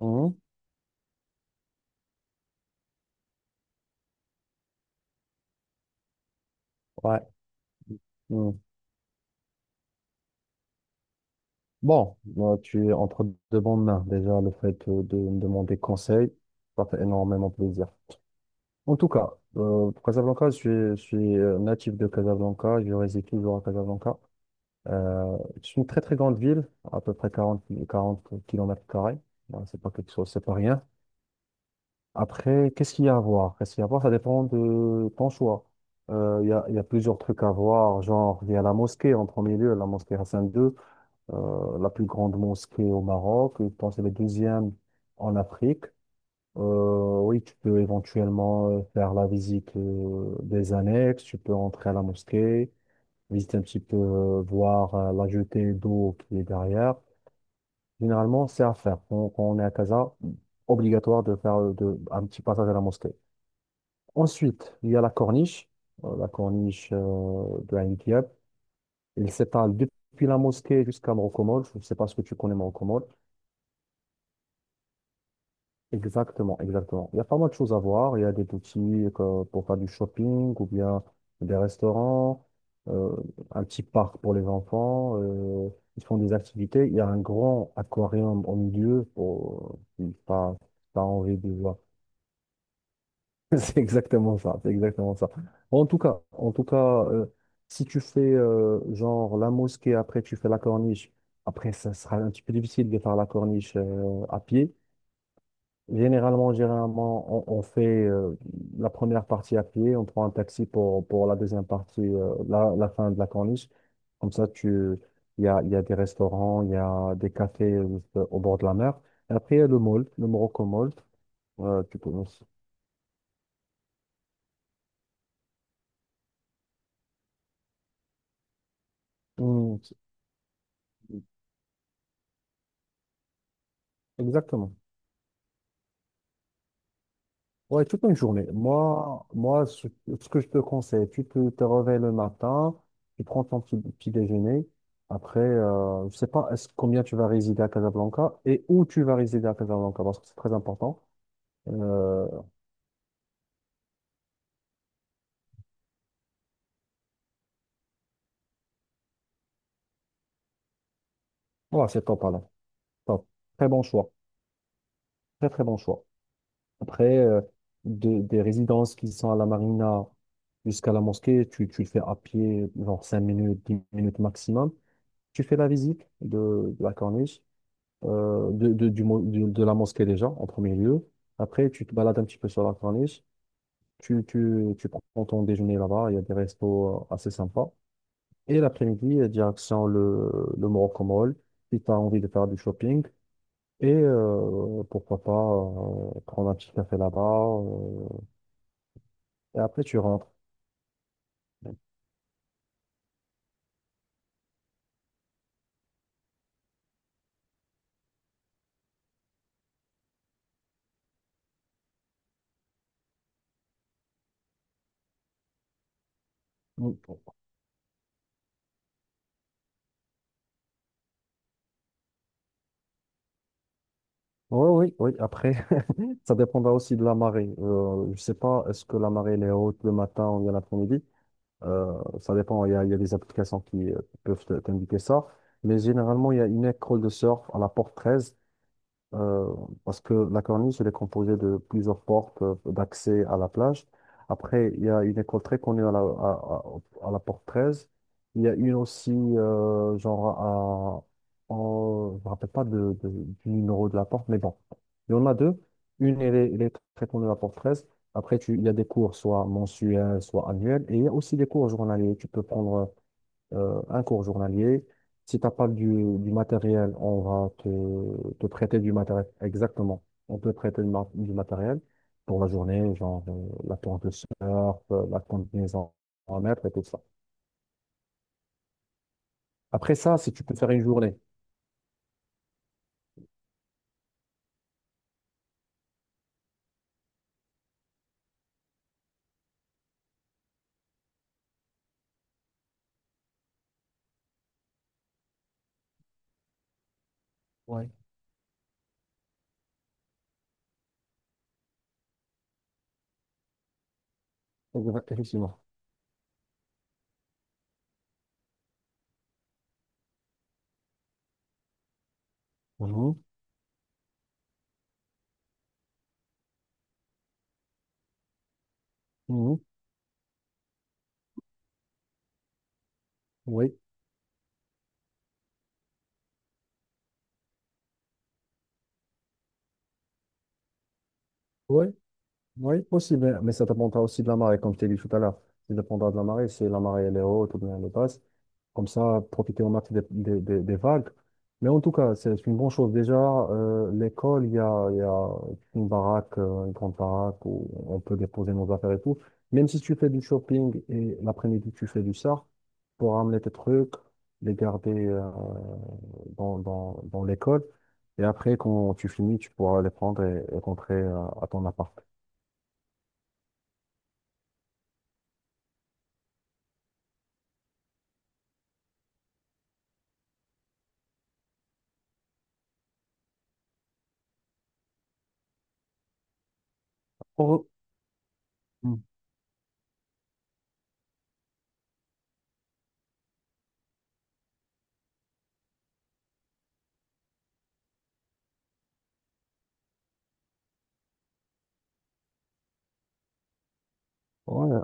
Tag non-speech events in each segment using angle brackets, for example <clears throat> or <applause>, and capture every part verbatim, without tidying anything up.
Mhm. Ouais. Mhm. Bon, moi, tu es entre de bonnes mains. Déjà, le fait euh, de me demander conseil, ça fait énormément plaisir. En tout cas, euh, pour Casablanca, je suis, je suis euh, natif de Casablanca. Je réside toujours à Casablanca. Euh, c'est une très, très grande ville, à peu près quarante, quarante kilomètres carrés. Ouais, C'est pas quelque chose, c'est pas rien. Après, qu'est-ce qu'il y a à voir? Qu'est-ce qu'il y a à voir? Ça dépend de ton choix. Euh, Il y a, il y a plusieurs trucs à voir, genre, il y a la mosquée en premier lieu, la mosquée Hassan second. Euh, la plus grande mosquée au Maroc. Je pense que c'est la deuxième en Afrique. Euh, oui, tu peux éventuellement euh, faire la visite euh, des annexes, tu peux entrer à la mosquée, visiter un petit peu, euh, voir euh, la jetée d'eau qui est derrière. Généralement, c'est à faire. Quand, quand on est à Casa, obligatoire de faire euh, de- un petit passage à la mosquée. Ensuite, il y a la corniche, euh, la corniche euh, de Ain Diab. Elle s'étale depuis la mosquée jusqu'à Morcomol. Je ne sais pas ce que tu connais Morcomol. Exactement, exactement. Il y a pas mal de choses à voir. Il y a des boutiques euh, pour faire du shopping ou bien des restaurants, euh, un petit parc pour les enfants. euh, ils font des activités. Il y a un grand aquarium au milieu pour euh, si t'as si t'as envie de voir. <laughs> C'est exactement ça. C'est exactement ça. En tout cas, en tout cas, euh, si tu fais euh, genre la mosquée après tu fais la corniche. Après, ça sera un petit peu difficile de faire la corniche euh, à pied. Généralement, généralement, on, on fait euh, la première partie à pied, on prend un taxi pour, pour la deuxième partie, euh, la, la fin de la corniche. Comme ça, tu, il y a, il y a des restaurants, il y a des cafés euh, au bord de la mer. Et après, il y a le mall, le Morocco Mall. Euh, tu peux... Hmm, c'est- Exactement. Ouais, toute une journée. Moi, moi, ce, ce que je te conseille, tu peux te réveiller le matin, tu prends ton petit, petit déjeuner. Après, euh, je sais pas est-ce, combien tu vas résider à Casablanca et où tu vas résider à Casablanca, parce que c'est très important. Euh, voilà, c'est top, là. Top. Très bon choix. Très, très bon choix. Après, euh, de- des résidences qui sont à la Marina jusqu'à la mosquée, tu, tu le fais à pied, genre cinq minutes, dix minutes maximum. Tu fais la visite de, de la corniche. Euh, de, de, du, mo- du- de la mosquée déjà, en premier lieu. Après, tu te balades un petit peu sur la corniche, tu, tu, tu prends ton déjeuner là-bas, il y a des restos euh, assez sympas. Et l'après-midi, euh, direction le, le Morocco Mall, si tu as envie de faire du shopping. Et euh, pourquoi pas euh, prendre un petit café là-bas. euh, et après, tu rentres. Oui, oui, oui. Après, <laughs> ça dépendra aussi de la marée. Euh, je sais pas, est-ce que la marée elle est haute le matin ou bien l'après-midi? Euh, Ça dépend. Il y a, il y a des applications qui euh, peuvent te- t'indiquer ça. Mais généralement, il y a une école de surf à la porte treize. euh, Parce que la corniche, elle est composée de plusieurs portes euh, d'accès à la plage. Après, il y a une école très connue à la, à, à- à la porte treize. Il y a une aussi, euh, genre, à, en- je me rappelle pas de, de- du numéro de la porte, mais bon, il y en a deux. Une, elle est, elle est très connue à la porte treize. Après, tu, il y a des cours, soit mensuels, soit annuels. Et il y a aussi des cours journaliers. Tu peux prendre euh, un cours journalier. Si tu n'as pas du, du matériel, on va te, te prêter du matériel. Exactement. On peut prêter du, ma- du matériel pour la journée, genre euh, la tente de surf, euh, la combinaison à mettre et tout ça. Après ça, si tu peux faire une journée, Ouais. Exa- effectivement. Mhm. Mhm. Oui. Oui, oui, possible. Mais ça dépendra aussi de la marée, comme je t'ai dit tout à l'heure. Ça dépendra de la marée. Si la marée elle est haute ou bien elle est basse, comme ça, profiter au max des, des, des- des vagues. Mais en tout cas, c'est une bonne chose. Déjà, euh, l'école, il y a, il y a une baraque, euh, une grande baraque où on peut déposer nos affaires et tout. Même si tu fais du shopping et l'après-midi, tu fais du surf, pour ramener tes trucs, les garder euh, dans, dans, dans l'école. Et après, quand tu finis, tu pourras les prendre et, et rentrer euh, à ton appart. Pour- Mm. Ouais.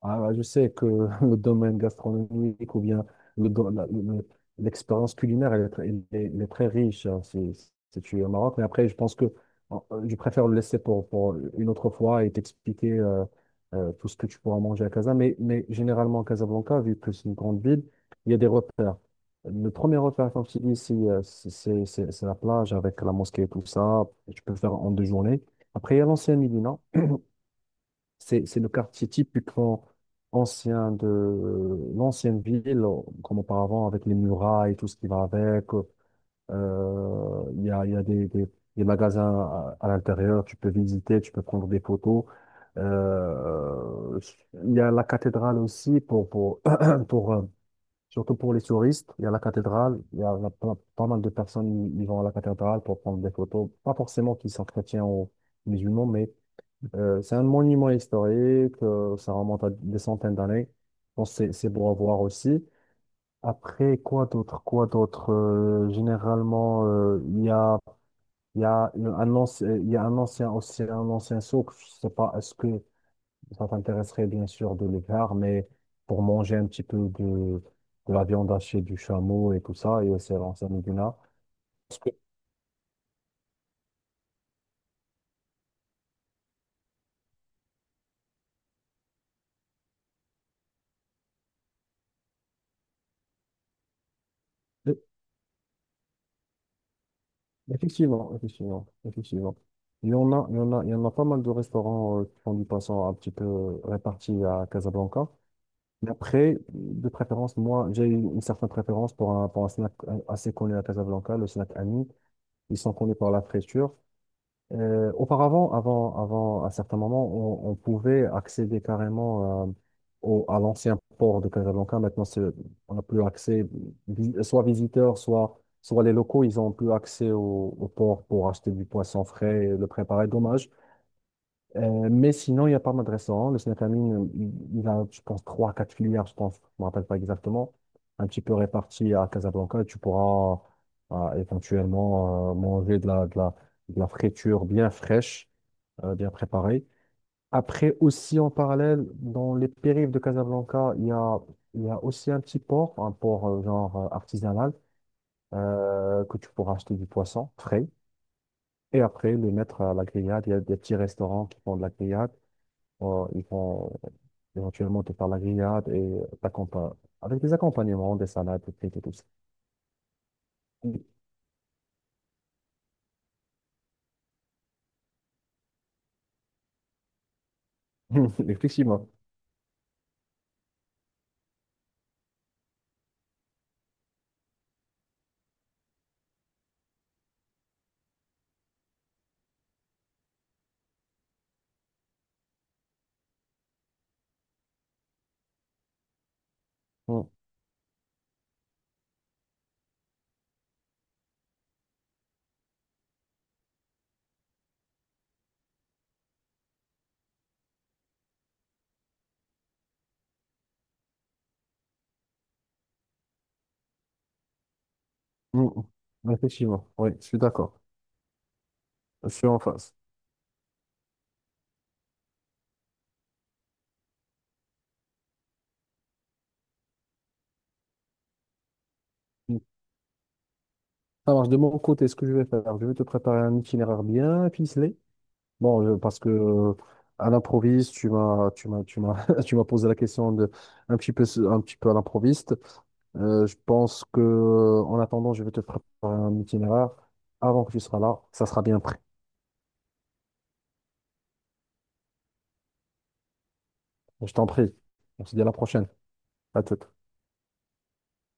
Ah, bah, je sais que <laughs> le domaine gastronomique ou bien le do- la- le- l'expérience culinaire, elle est, très elle est- elle est très riche hein, si, si tu es au Maroc. Mais après, je pense que euh, je préfère le laisser pour, pour une autre fois et t'expliquer euh, euh, tout ce que tu pourras manger à Casa. Mais, mais généralement, Casablanca, vu que c'est une grande ville, il y a des repères. Le premier repère, comme tu dis, c'est euh, c'est- c'est- c'est- c'est la plage avec la mosquée et tout ça. Tu peux le faire en deux journées. Après, il y a l'ancien Médina. C'est, c'est le quartier typiquement ancien de euh, l'ancienne ville, comme auparavant, avec les murailles, tout ce qui va avec. Euh, Il y a, il y a des, des, des magasins à, à l'intérieur, tu peux visiter, tu peux prendre des photos. Euh, Il y a la cathédrale aussi, pour, pour, <clears throat> pour, euh, surtout pour les touristes. Il y a la cathédrale, il y a la- pas, pas mal de personnes qui vont à la cathédrale pour prendre des photos. Pas forcément qui sont chrétiens ou musulmans, mais euh, c'est un monument historique, euh, ça remonte à des centaines d'années. Je pense c'est c'est beau à voir aussi. Après, quoi d'autre, quoi d'autre? Euh, généralement, euh, il y a, il y a une- un ancien, il y a un ancien, aussi un ancien souk. Je sais pas, est-ce que ça t'intéresserait bien sûr de le faire, mais pour manger un petit peu de, de la viande hachée du chameau et tout ça, et c'est l'ancien Médina. Effectivement, effectivement, effectivement. Il y en a, il y en a, il y en a pas mal de restaurants euh, qui font du poisson un petit peu répartis à Casablanca. Mais après, de préférence, moi, j'ai une une certaine préférence pour un, pour un snack euh, assez connu à Casablanca, le snack Ami. Ils sont connus par la friture. Euh, auparavant, avant, avant, à certains moments, on, on pouvait accéder carrément euh, au, à l'ancien port de Casablanca. Maintenant, c'est, on n'a plus accès, vi- soit visiteurs, soit, soit les locaux, ils n'ont plus accès au, au port pour acheter du poisson frais et le préparer. Dommage. Euh, mais sinon, il n'y a pas mal de restaurants. Le Snatamine, il il a, je pense, trois, quatre filières, je pense, je ne me rappelle pas exactement, un petit peu réparties à Casablanca. Tu pourras euh, éventuellement euh, manger de la, de la, de la friture bien fraîche, euh, bien préparée. Après, aussi en parallèle, dans les périphes de Casablanca, il y a, il y a aussi un petit port, un port euh, genre euh, artisanal, euh, que tu pourras acheter du poisson frais. Et après, le mettre à la grillade. Il y a des petits restaurants qui font de la grillade. Bon, ils vont éventuellement te faire la grillade et t'accompagner. Avec des accompagnements, des salades, des frites et tout ça. Mm. <laughs> Effectivement. Mm, mm, mm. Effectivement. Oui, je suis d'accord. Je suis en face. Mm. Ça marche. De mon côté, ce que je vais faire, je vais te préparer un itinéraire bien ficelé. Bon, je- parce que euh, à l'improviste, tu m'as, tu m'as, tu m'as, <laughs> tu m'as posé la question de un petit peu, un petit peu à l'improviste. Euh, je pense que, en attendant, je vais te préparer un itinéraire. Avant que tu seras là, ça sera bien pris. Bon, Je t'en prie. On se dit à la prochaine. À toute.